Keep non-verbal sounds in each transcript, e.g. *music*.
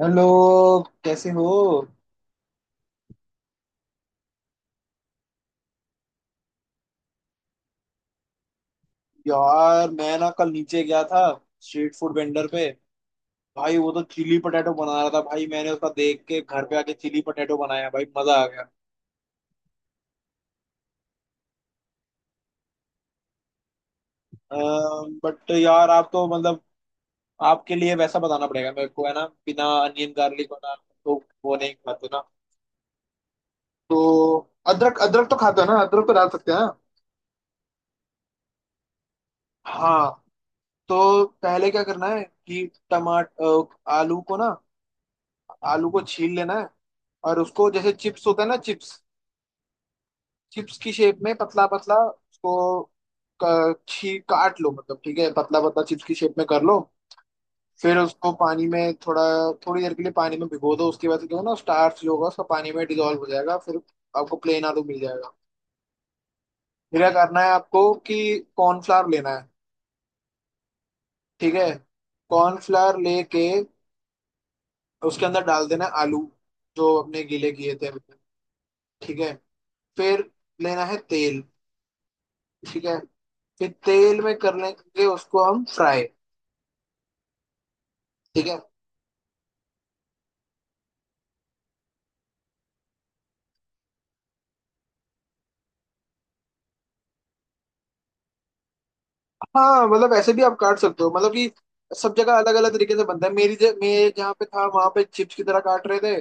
Hello, कैसे हो। यार मैं ना कल नीचे गया था, स्ट्रीट फूड वेंडर पे। भाई वो तो चिली पटेटो बना रहा था। भाई मैंने उसका देख के घर पे आके चिली पटेटो बनाया। भाई मजा आ गया। बट यार आप तो मतलब आपके लिए वैसा बताना पड़ेगा मेरे को, है ना, बिना अनियन गार्लिक। बना तो वो नहीं खाते ना। तो अदरक, अदरक तो खाते हो ना, अदरक तो डाल सकते हैं ना। हाँ, तो पहले क्या करना है कि टमाटर, आलू को ना, आलू को छील लेना है। और उसको जैसे चिप्स होता है ना, चिप्स, चिप्स की शेप में पतला पतला उसको छी काट लो। मतलब ठीक है, पतला पतला चिप्स की शेप में कर लो। फिर उसको पानी में थोड़ा थोड़ी देर के लिए पानी में भिगो दो। उसके बाद क्या होगा ना, स्टार्च जो होगा उसका पानी में डिजोल्व हो जाएगा, फिर आपको प्लेन आलू मिल जाएगा। फिर क्या करना है आपको कि कॉर्नफ्लावर लेना है। ठीक है, कॉर्नफ्लावर लेके उसके अंदर डाल देना है आलू, जो अपने गीले किए थे। ठीक है, फिर लेना है तेल। ठीक है, फिर तेल में कर लेंगे उसको हम फ्राई। ठीक है। हाँ मतलब ऐसे भी आप काट सकते हो। मतलब कि सब जगह अलग अलग तरीके से बनता है। मैं जहाँ पे था वहां पे चिप्स की तरह काट रहे थे।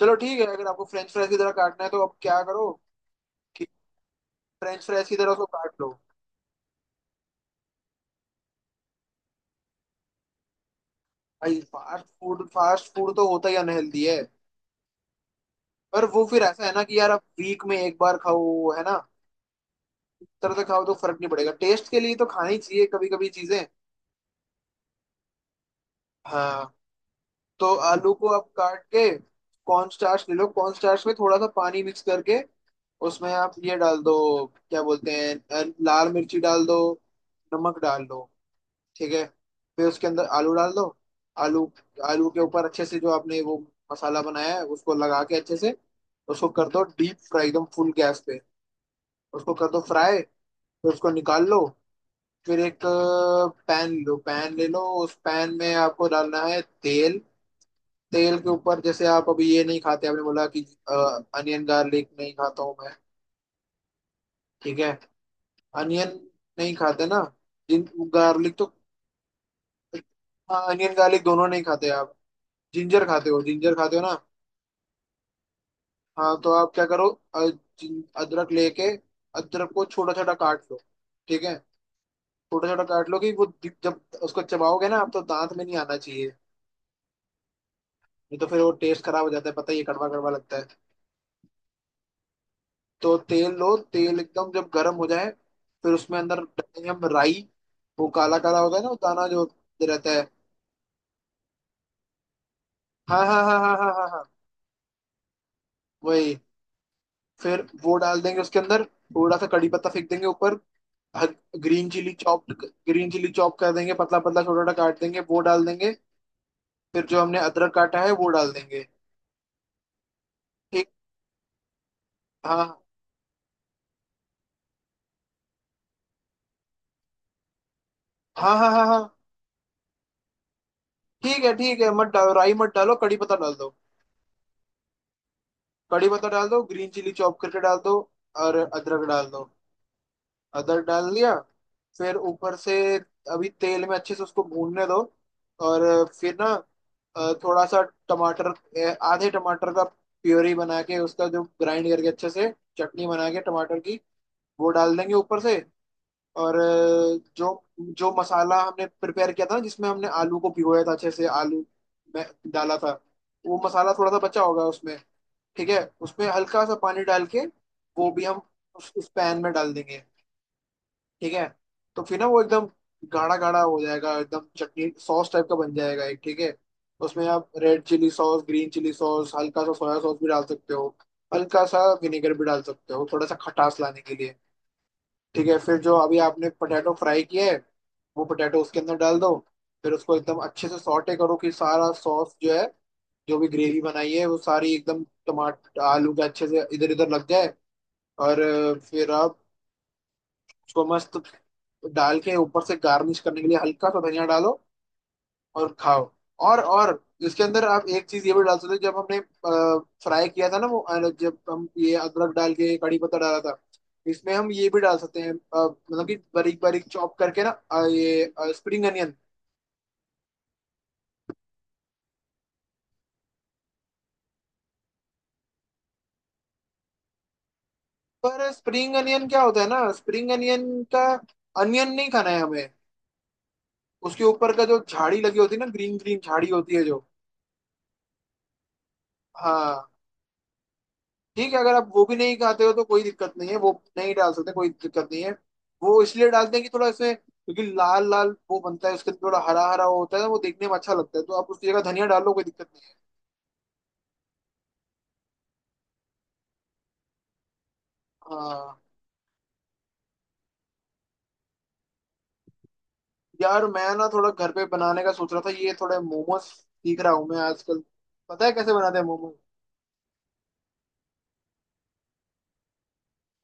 चलो ठीक है, अगर आपको फ्रेंच फ्राइज की तरह काटना है तो अब क्या करो कि फ्रेंच फ्राइज की तरह उसको काट लो। भाई फास्ट फूड, फास्ट फूड तो होता ही अनहेल्दी है। पर वो फिर ऐसा है ना कि यार आप वीक में एक बार खाओ, है ना, तरह से खाओ तो फर्क नहीं पड़ेगा। टेस्ट के लिए तो खानी चाहिए कभी कभी चीजें। हाँ, तो आलू को आप काट के कॉर्न स्टार्च ले लो। कॉर्न स्टार्च में थोड़ा सा पानी मिक्स करके उसमें आप ये डाल दो। क्या बोलते हैं, लाल मिर्ची डाल दो, नमक डाल दो। ठीक है, फिर उसके अंदर आलू डाल दो। आलू, आलू के ऊपर अच्छे से जो आपने वो मसाला बनाया है उसको लगा के अच्छे से उसको कर दो डीप फ्राई एकदम फुल गैस पे। उसको कर दो फ्राई, फिर उसको निकाल लो। फिर एक पैन लो, पैन ले लो। उस पैन में आपको डालना है तेल। तेल के ऊपर जैसे आप अभी ये नहीं खाते, आपने बोला कि अनियन गार्लिक नहीं खाता हूँ मैं। ठीक है, अनियन नहीं खाते ना, जिन, गार्लिक तो। हाँ, अनियन गार्लिक दोनों नहीं खाते आप। जिंजर खाते हो, जिंजर खाते हो ना। हाँ तो आप क्या करो, अ, अदरक लेके अदरक को छोटा छोटा काट लो। ठीक है, छोटा छोटा काट लो कि वो जब उसको चबाओगे ना आप तो दांत में नहीं आना चाहिए। नहीं तो फिर वो टेस्ट खराब हो जाता है, पता ही है, ये कड़वा कड़वा लगता है। तो तेल लो, तेल एकदम जब गर्म हो जाए फिर उसमें अंदर डालेंगे हम राई। वो काला काला होता है ना, वो दाना जो रहता है। हाँ हाँ हाँ हाँ हाँ हाँ हाँ, वही। फिर वो डाल देंगे उसके अंदर, थोड़ा सा कड़ी पत्ता फेंक देंगे ऊपर, green chilli chop, green chilli chop कर देंगे, पतला पतला छोटा छोटा काट देंगे वो डाल देंगे। फिर जो हमने अदरक काटा है वो डाल देंगे। ठीक। हाँ हाँ हाँ हाँ हाँ। ठीक है ठीक है, मत डालो राई, मत डालो। कड़ी पत्ता डाल दो, कड़ी पत्ता डाल दो, ग्रीन चिली चॉप करके डाल दो, और अदरक डाल दो। अदर डाल दिया, फिर ऊपर से अभी तेल में अच्छे से उसको भूनने दो, और फिर ना थोड़ा सा टमाटर, आधे टमाटर का प्योरी बना के, उसका जो ग्राइंड करके अच्छे से चटनी बना के टमाटर की, वो डाल देंगे ऊपर से। और जो जो मसाला हमने प्रिपेयर किया था ना, जिसमें हमने आलू को भिगोया था अच्छे से, आलू में डाला था, वो मसाला थोड़ा सा बचा होगा उसमें। ठीक है, उसमें हल्का सा पानी डाल के वो भी हम उस पैन में डाल देंगे। ठीक है, तो फिर ना वो एकदम गाढ़ा गाढ़ा हो जाएगा, एकदम चटनी सॉस टाइप का बन जाएगा एक। ठीक है, उसमें आप red chilli sauce, green chilli sauce, हल्का सा सोया सॉस भी डाल सकते हो, हल्का सा विनेगर भी डाल सकते हो थोड़ा सा खटास लाने के लिए। ठीक है, फिर जो अभी आपने पोटैटो फ्राई किया है वो पोटैटो उसके अंदर डाल दो। फिर उसको एकदम अच्छे से सॉटे करो कि सारा सॉस जो है, जो भी ग्रेवी बनाई है वो सारी एकदम टमाटर आलू के अच्छे से इधर उधर लग जाए। और फिर आप उसको मस्त डाल के ऊपर से गार्निश करने के लिए हल्का सा धनिया डालो और खाओ। और इसके अंदर आप एक चीज ये भी डाल सकते हो। जब हमने फ्राई किया था ना वो, जब हम ये अदरक डाल के कड़ी पत्ता डाला था इसमें हम ये भी डाल सकते हैं, मतलब कि बारीक बारीक चॉप करके ना ये स्प्रिंग अनियन। पर स्प्रिंग अनियन क्या होता है ना, स्प्रिंग अनियन का अनियन नहीं खाना है हमें, उसके ऊपर का जो झाड़ी लगी होती है ना, ग्रीन ग्रीन झाड़ी होती है जो। हाँ, ठीक है, अगर आप वो भी नहीं खाते हो तो कोई दिक्कत नहीं है, वो नहीं डाल सकते कोई दिक्कत नहीं है। वो इसलिए डालते हैं कि थोड़ा इसमें, क्योंकि लाल लाल वो बनता है उसके अंदर थोड़ा हरा हरा वो होता है, वो देखने में अच्छा लगता है। तो आप उसकी जगह धनिया डाल लो, कोई दिक्कत नहीं है। हाँ, यार मैं ना थोड़ा घर पे बनाने का सोच रहा था, ये थोड़े मोमोज सीख रहा हूँ मैं आजकल। पता है कैसे बनाते हैं मोमोज?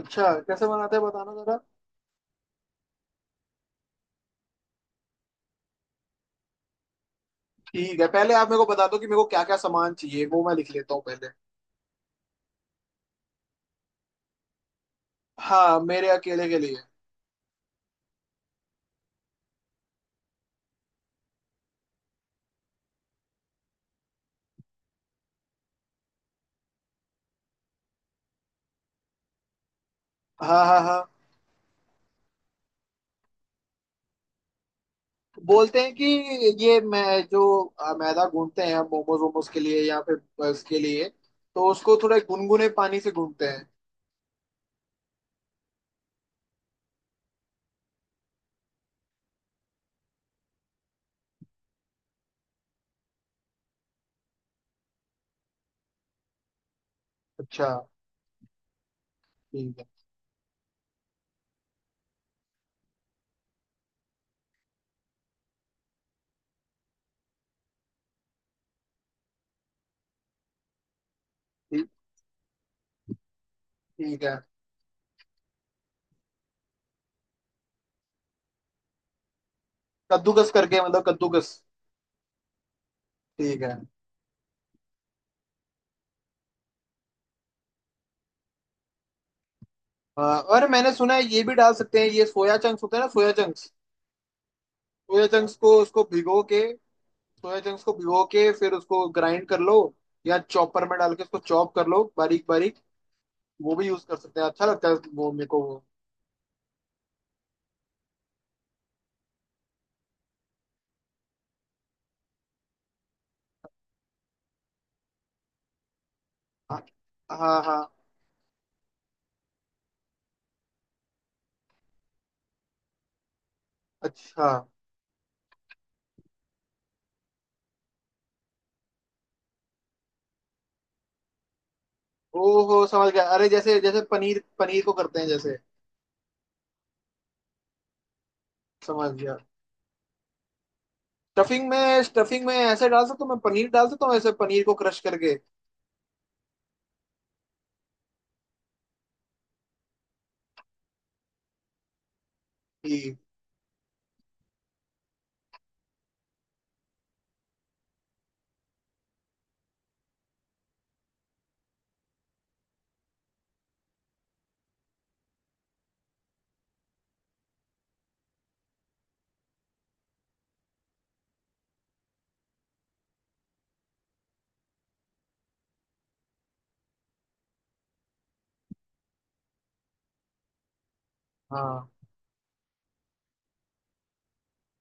अच्छा कैसे बनाते हैं बताना जरा। ठीक है, पहले आप मेरे को बता दो कि मेरे को क्या क्या सामान चाहिए, वो मैं लिख लेता हूँ पहले। हाँ, मेरे अकेले के लिए। हाँ हाँ हाँ, बोलते हैं कि ये मैं जो मैदा गूंथते हैं मोमोज वोमोज के लिए या फिर बर्गर्स के लिए, तो उसको थोड़ा गुनगुने पानी से गूंथते हैं। अच्छा, ठीक है। ठीक, ठीक है। कद्दूकस करके, मतलब कद्दूकस। ठीक है। और मैंने सुना है ये भी डाल सकते हैं, ये सोया चंक्स होते हैं ना, सोया चंक्स। सोया चंक्स को उसको भिगो के, सोया चंक्स को भिगो के फिर उसको ग्राइंड कर लो, या चॉपर में डाल के उसको चॉप कर लो बारीक बारीक। वो भी यूज कर सकते हैं, अच्छा लगता है वो मेरे को वो। हाँ हाँ हाँ, अच्छा। ओहो, समझ गया। अरे जैसे जैसे पनीर, पनीर को करते हैं जैसे। समझ गया। स्टफिंग में ऐसे डाल सकता हूँ मैं, पनीर डाल सकता हूँ ऐसे पनीर को क्रश करके। ठीक। हाँ।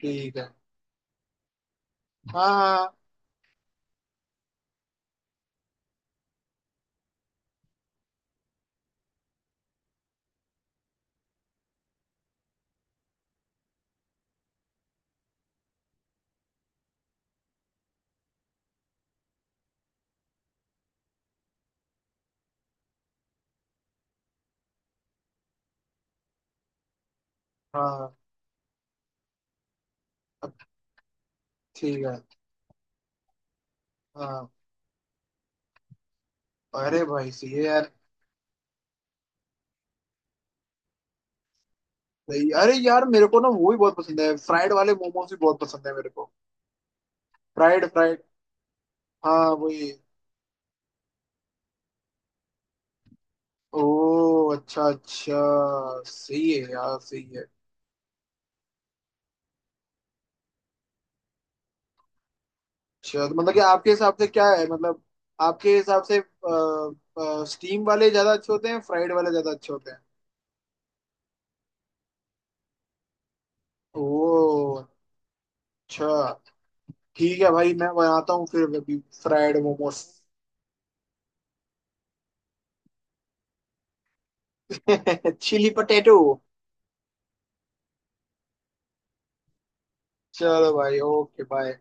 ठीक है। हाँ हाँ हाँ। अब ठीक है। हाँ, अरे भाई सही है यार। सही। अरे यार मेरे को ना वो भी बहुत पसंद है, फ्राइड वाले मोमोज भी बहुत पसंद है मेरे को। Fried, fried. हाँ वही। ओ, अच्छा अच्छा। सही है यार, सही है। अच्छा तो मतलब कि आपके हिसाब से क्या है, मतलब आपके हिसाब से स्टीम वाले ज्यादा अच्छे होते हैं, फ्राइड वाले ज्यादा अच्छे होते हैं? ओ, अच्छा। ठीक है भाई, मैं बनाता हूँ फिर अभी फ्राइड मोमोस। *laughs* Chilli potato. चलो भाई, ओके, बाय।